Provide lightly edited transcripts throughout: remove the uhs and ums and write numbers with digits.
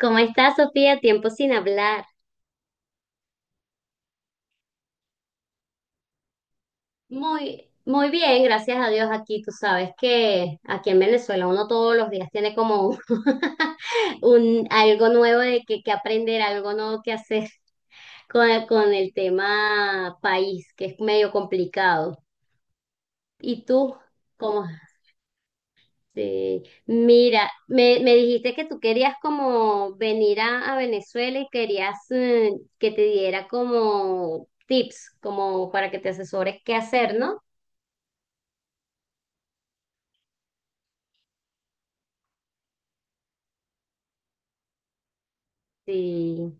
¿Cómo estás, Sofía? Tiempo sin hablar. Muy, muy bien, gracias a Dios aquí. Tú sabes que aquí en Venezuela uno todos los días tiene como un, algo nuevo de que aprender, algo nuevo que hacer con el tema país, que es medio complicado. ¿Y tú? ¿Cómo? Sí. Mira, me dijiste que tú querías como venir a Venezuela y querías que te diera como tips, como para que te asesores qué hacer, ¿no? Sí,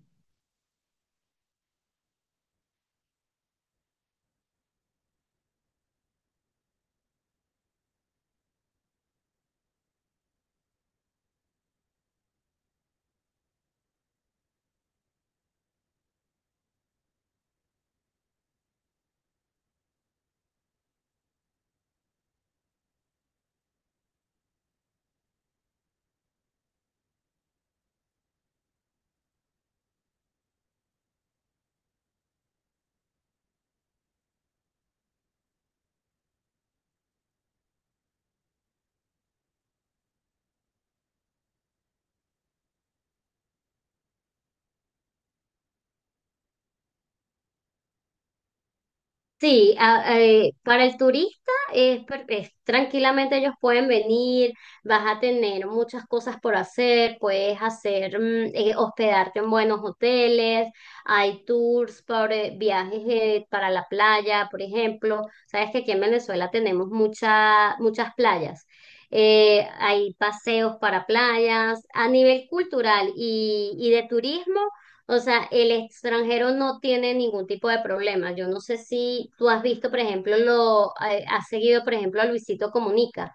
sí, para el turista es, tranquilamente ellos pueden venir, vas a tener muchas cosas por hacer, puedes hacer, hospedarte en buenos hoteles, hay tours por viajes para la playa, por ejemplo. Sabes que aquí en Venezuela tenemos muchas playas. Hay paseos para playas. A nivel cultural y de turismo, o sea, el extranjero no tiene ningún tipo de problema. Yo no sé si tú has visto, por ejemplo, lo has seguido, por ejemplo, a Luisito Comunica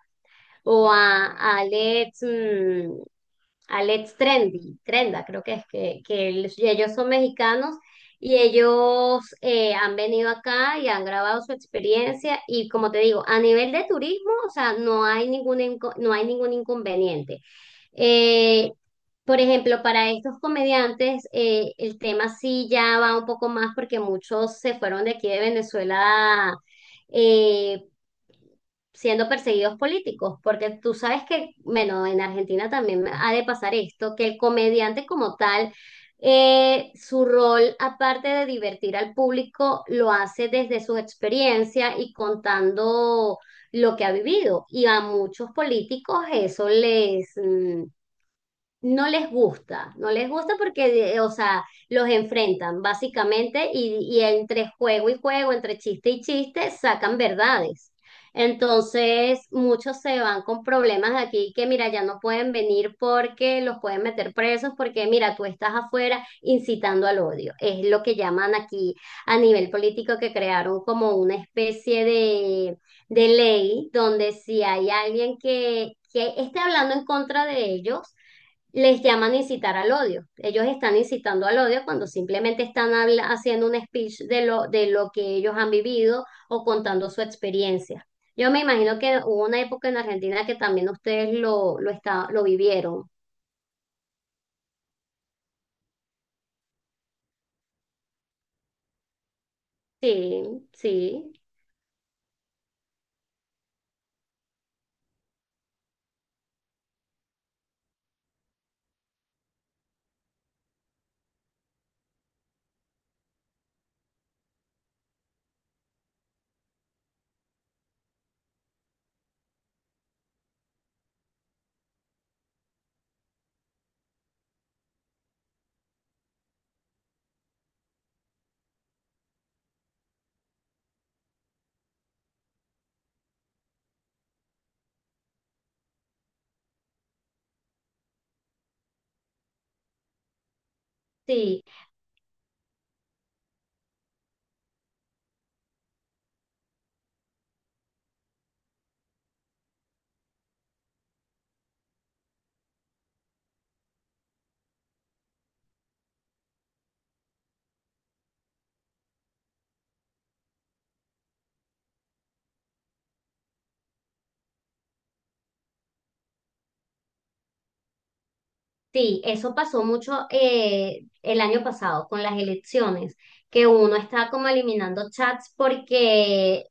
o a Alex, Alex Trendy, Trenda, creo que es que ellos son mexicanos y ellos han venido acá y han grabado su experiencia y como te digo, a nivel de turismo, o sea, no hay no hay ningún inconveniente. Eh, por ejemplo, para estos comediantes, el tema sí ya va un poco más porque muchos se fueron de aquí de Venezuela, eh, siendo perseguidos políticos, porque tú sabes que, bueno, en Argentina también ha de pasar esto, que el comediante como tal, su rol, aparte de divertir al público, lo hace desde su experiencia y contando lo que ha vivido. Y a muchos políticos eso no les gusta, no les gusta porque, o sea, los enfrentan básicamente y entre juego y juego, entre chiste y chiste, sacan verdades. Entonces, muchos se van con problemas de aquí que, mira, ya no pueden venir porque los pueden meter presos, porque, mira, tú estás afuera incitando al odio. Es lo que llaman aquí a nivel político, que crearon como una especie de ley, donde si hay alguien que esté hablando en contra de ellos, les llaman incitar al odio. Ellos están incitando al odio cuando simplemente están haciendo un speech de de lo que ellos han vivido o contando su experiencia. Yo me imagino que hubo una época en Argentina que también ustedes lo vivieron. Sí, sí, sí. Sí, eso pasó mucho el año pasado con las elecciones, que uno estaba como eliminando chats porque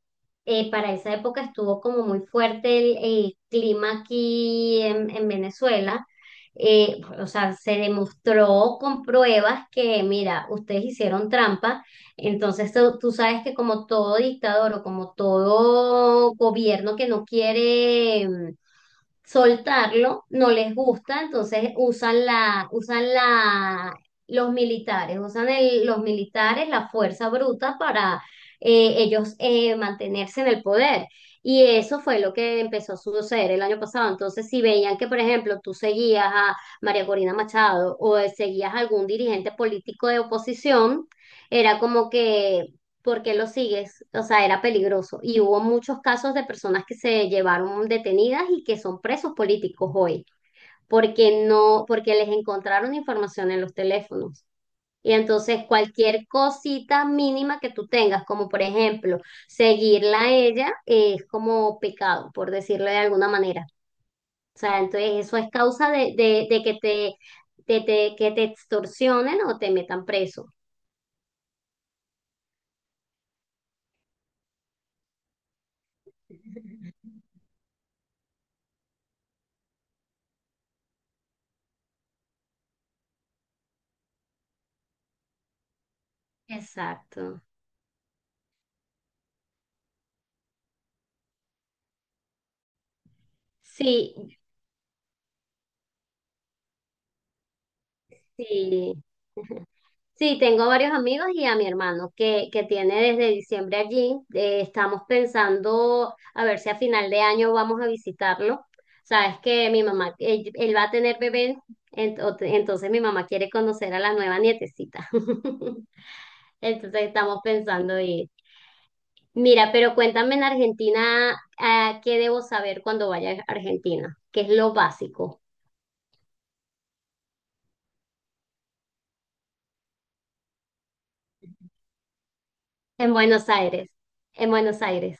para esa época estuvo como muy fuerte el clima aquí en Venezuela. O sea, se demostró con pruebas que, mira, ustedes hicieron trampa, entonces tú sabes que como todo dictador o como todo gobierno que no quiere, soltarlo, no les gusta, entonces los militares, usan los militares la fuerza bruta para ellos mantenerse en el poder. Y eso fue lo que empezó a suceder el año pasado. Entonces, si veían que, por ejemplo, tú seguías a María Corina Machado o seguías a algún dirigente político de oposición, era como que ¿porque lo sigues? O sea, era peligroso. Y hubo muchos casos de personas que se llevaron detenidas y que son presos políticos hoy, porque no, porque les encontraron información en los teléfonos. Y entonces cualquier cosita mínima que tú tengas, como por ejemplo seguirla a ella, es como pecado, por decirlo de alguna manera. O sea, entonces eso es causa de que te, de que te extorsionen o te metan preso. Exacto. Sí. Sí. Sí, tengo varios amigos y a mi hermano, que tiene desde diciembre allí. Estamos pensando a ver si a final de año vamos a visitarlo. Sabes que mi mamá, él va a tener bebé, entonces mi mamá quiere conocer a la nueva nietecita. Entonces estamos pensando ir. Mira, pero cuéntame, en Argentina, ah, ¿qué debo saber cuando vaya a Argentina? ¿Qué es lo básico? En Buenos Aires. En Buenos Aires.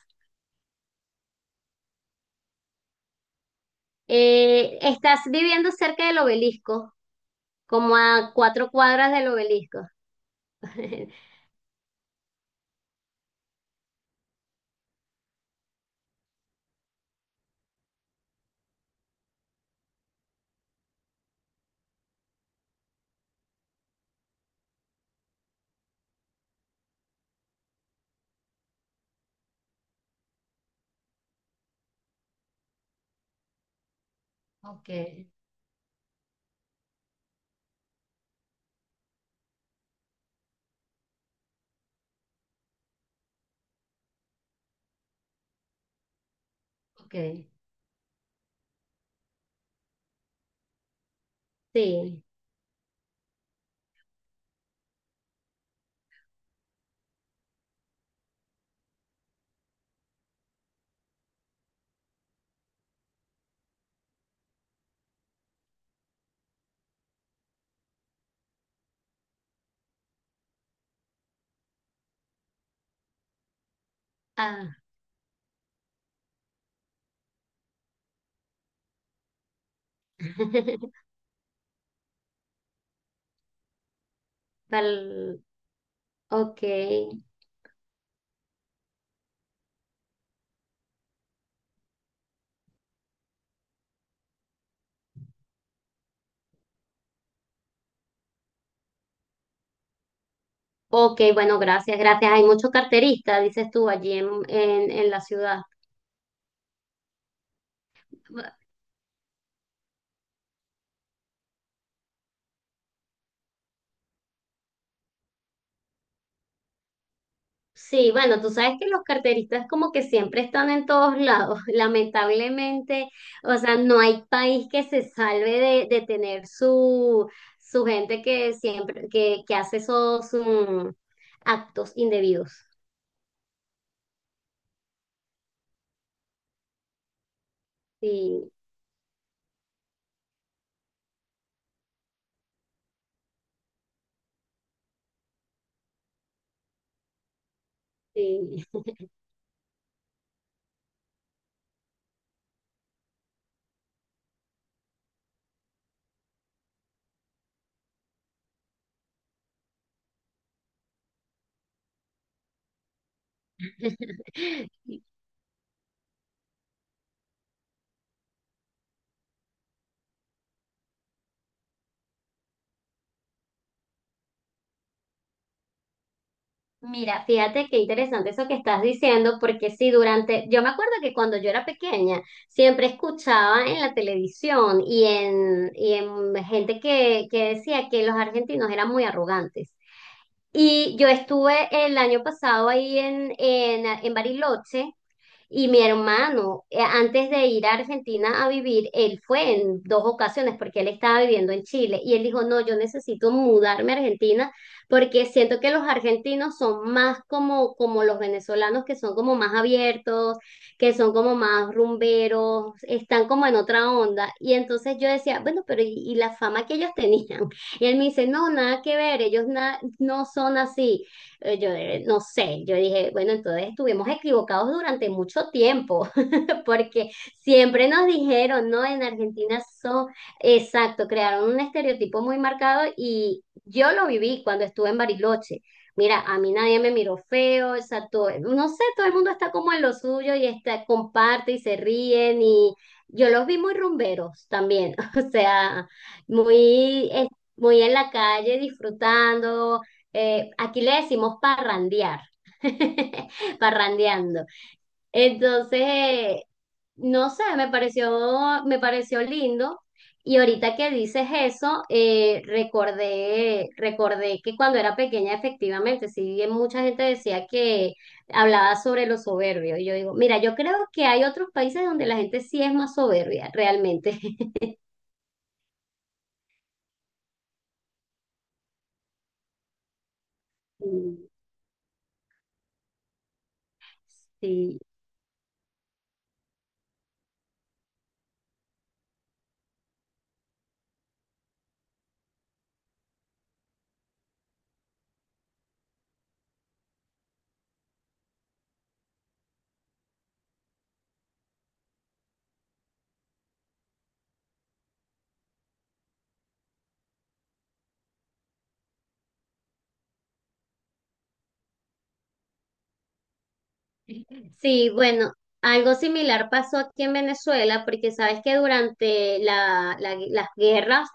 Estás viviendo cerca del obelisco, como a 4 cuadras del obelisco. Ok, ok. Sí. Ah. Pal-. Ok. Ok, bueno, gracias, gracias. Hay muchos carteristas, dices tú, allí en la ciudad. Sí, bueno, tú sabes que los carteristas como que siempre están en todos lados, lamentablemente, o sea, no hay país que se salve de tener su gente que siempre, que hace esos actos indebidos. Sí, sí. Mira, fíjate qué interesante eso que estás diciendo, porque sí, durante, yo me acuerdo que cuando yo era pequeña, siempre escuchaba en la televisión y en gente que decía que los argentinos eran muy arrogantes. Y yo estuve el año pasado ahí en Bariloche y mi hermano, antes de ir a Argentina a vivir, él fue en dos ocasiones porque él estaba viviendo en Chile y él dijo, no, yo necesito mudarme a Argentina porque siento que los argentinos son más como, como los venezolanos, que son como más abiertos, que son como más rumberos, están como en otra onda. Y entonces yo decía, bueno, pero y la fama que ellos tenían? Y él me dice, no, nada que ver, ellos no son así. Yo no sé, yo dije, bueno, entonces estuvimos equivocados durante mucho tiempo. porque siempre nos dijeron, ¿no? En Argentina son, exacto, crearon un estereotipo muy marcado y yo lo viví cuando estuve en Bariloche. Mira, a mí nadie me miró feo, o sea, no sé, todo el mundo está como en lo suyo y está, comparte y se ríen y yo los vi muy rumberos también, o sea, muy, muy en la calle disfrutando. Aquí le decimos parrandear, parrandeando. Entonces, no sé, me pareció lindo. Y ahorita que dices eso, recordé que cuando era pequeña, efectivamente, sí bien mucha gente decía que hablaba sobre los soberbios, y yo digo, mira, yo creo que hay otros países donde la gente sí es más soberbia, realmente. Sí. Sí, bueno, algo similar pasó aquí en Venezuela, porque sabes que durante las guerras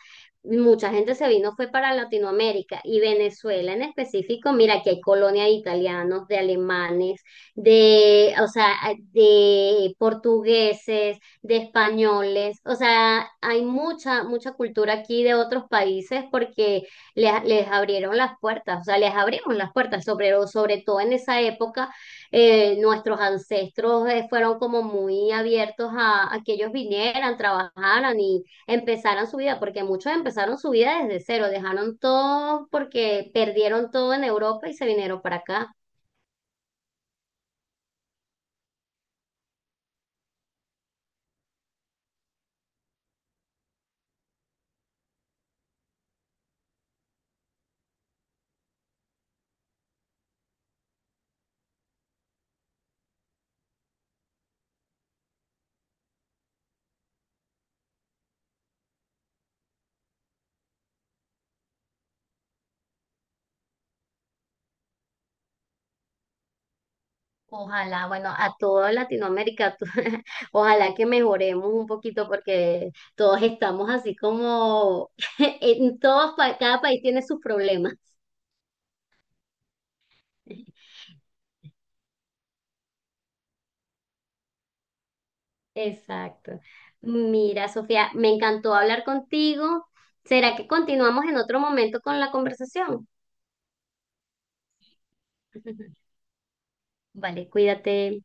mucha gente se vino, fue para Latinoamérica y Venezuela en específico, mira, aquí hay colonia de italianos, de alemanes, o sea, de portugueses, de españoles, o sea, hay mucha, mucha cultura aquí de otros países porque les abrieron las puertas, o sea, les abrimos las puertas, sobre todo en esa época, nuestros ancestros fueron como muy abiertos a que ellos vinieran, trabajaran y empezaran su vida, porque muchos empezaron su vida desde cero, dejaron todo porque perdieron todo en Europa y se vinieron para acá. Ojalá, bueno, a toda Latinoamérica, ojalá que mejoremos un poquito porque todos estamos así como en todos, cada país tiene sus problemas. Exacto. Mira, Sofía, me encantó hablar contigo. ¿Será que continuamos en otro momento con la conversación? Vale, cuídate.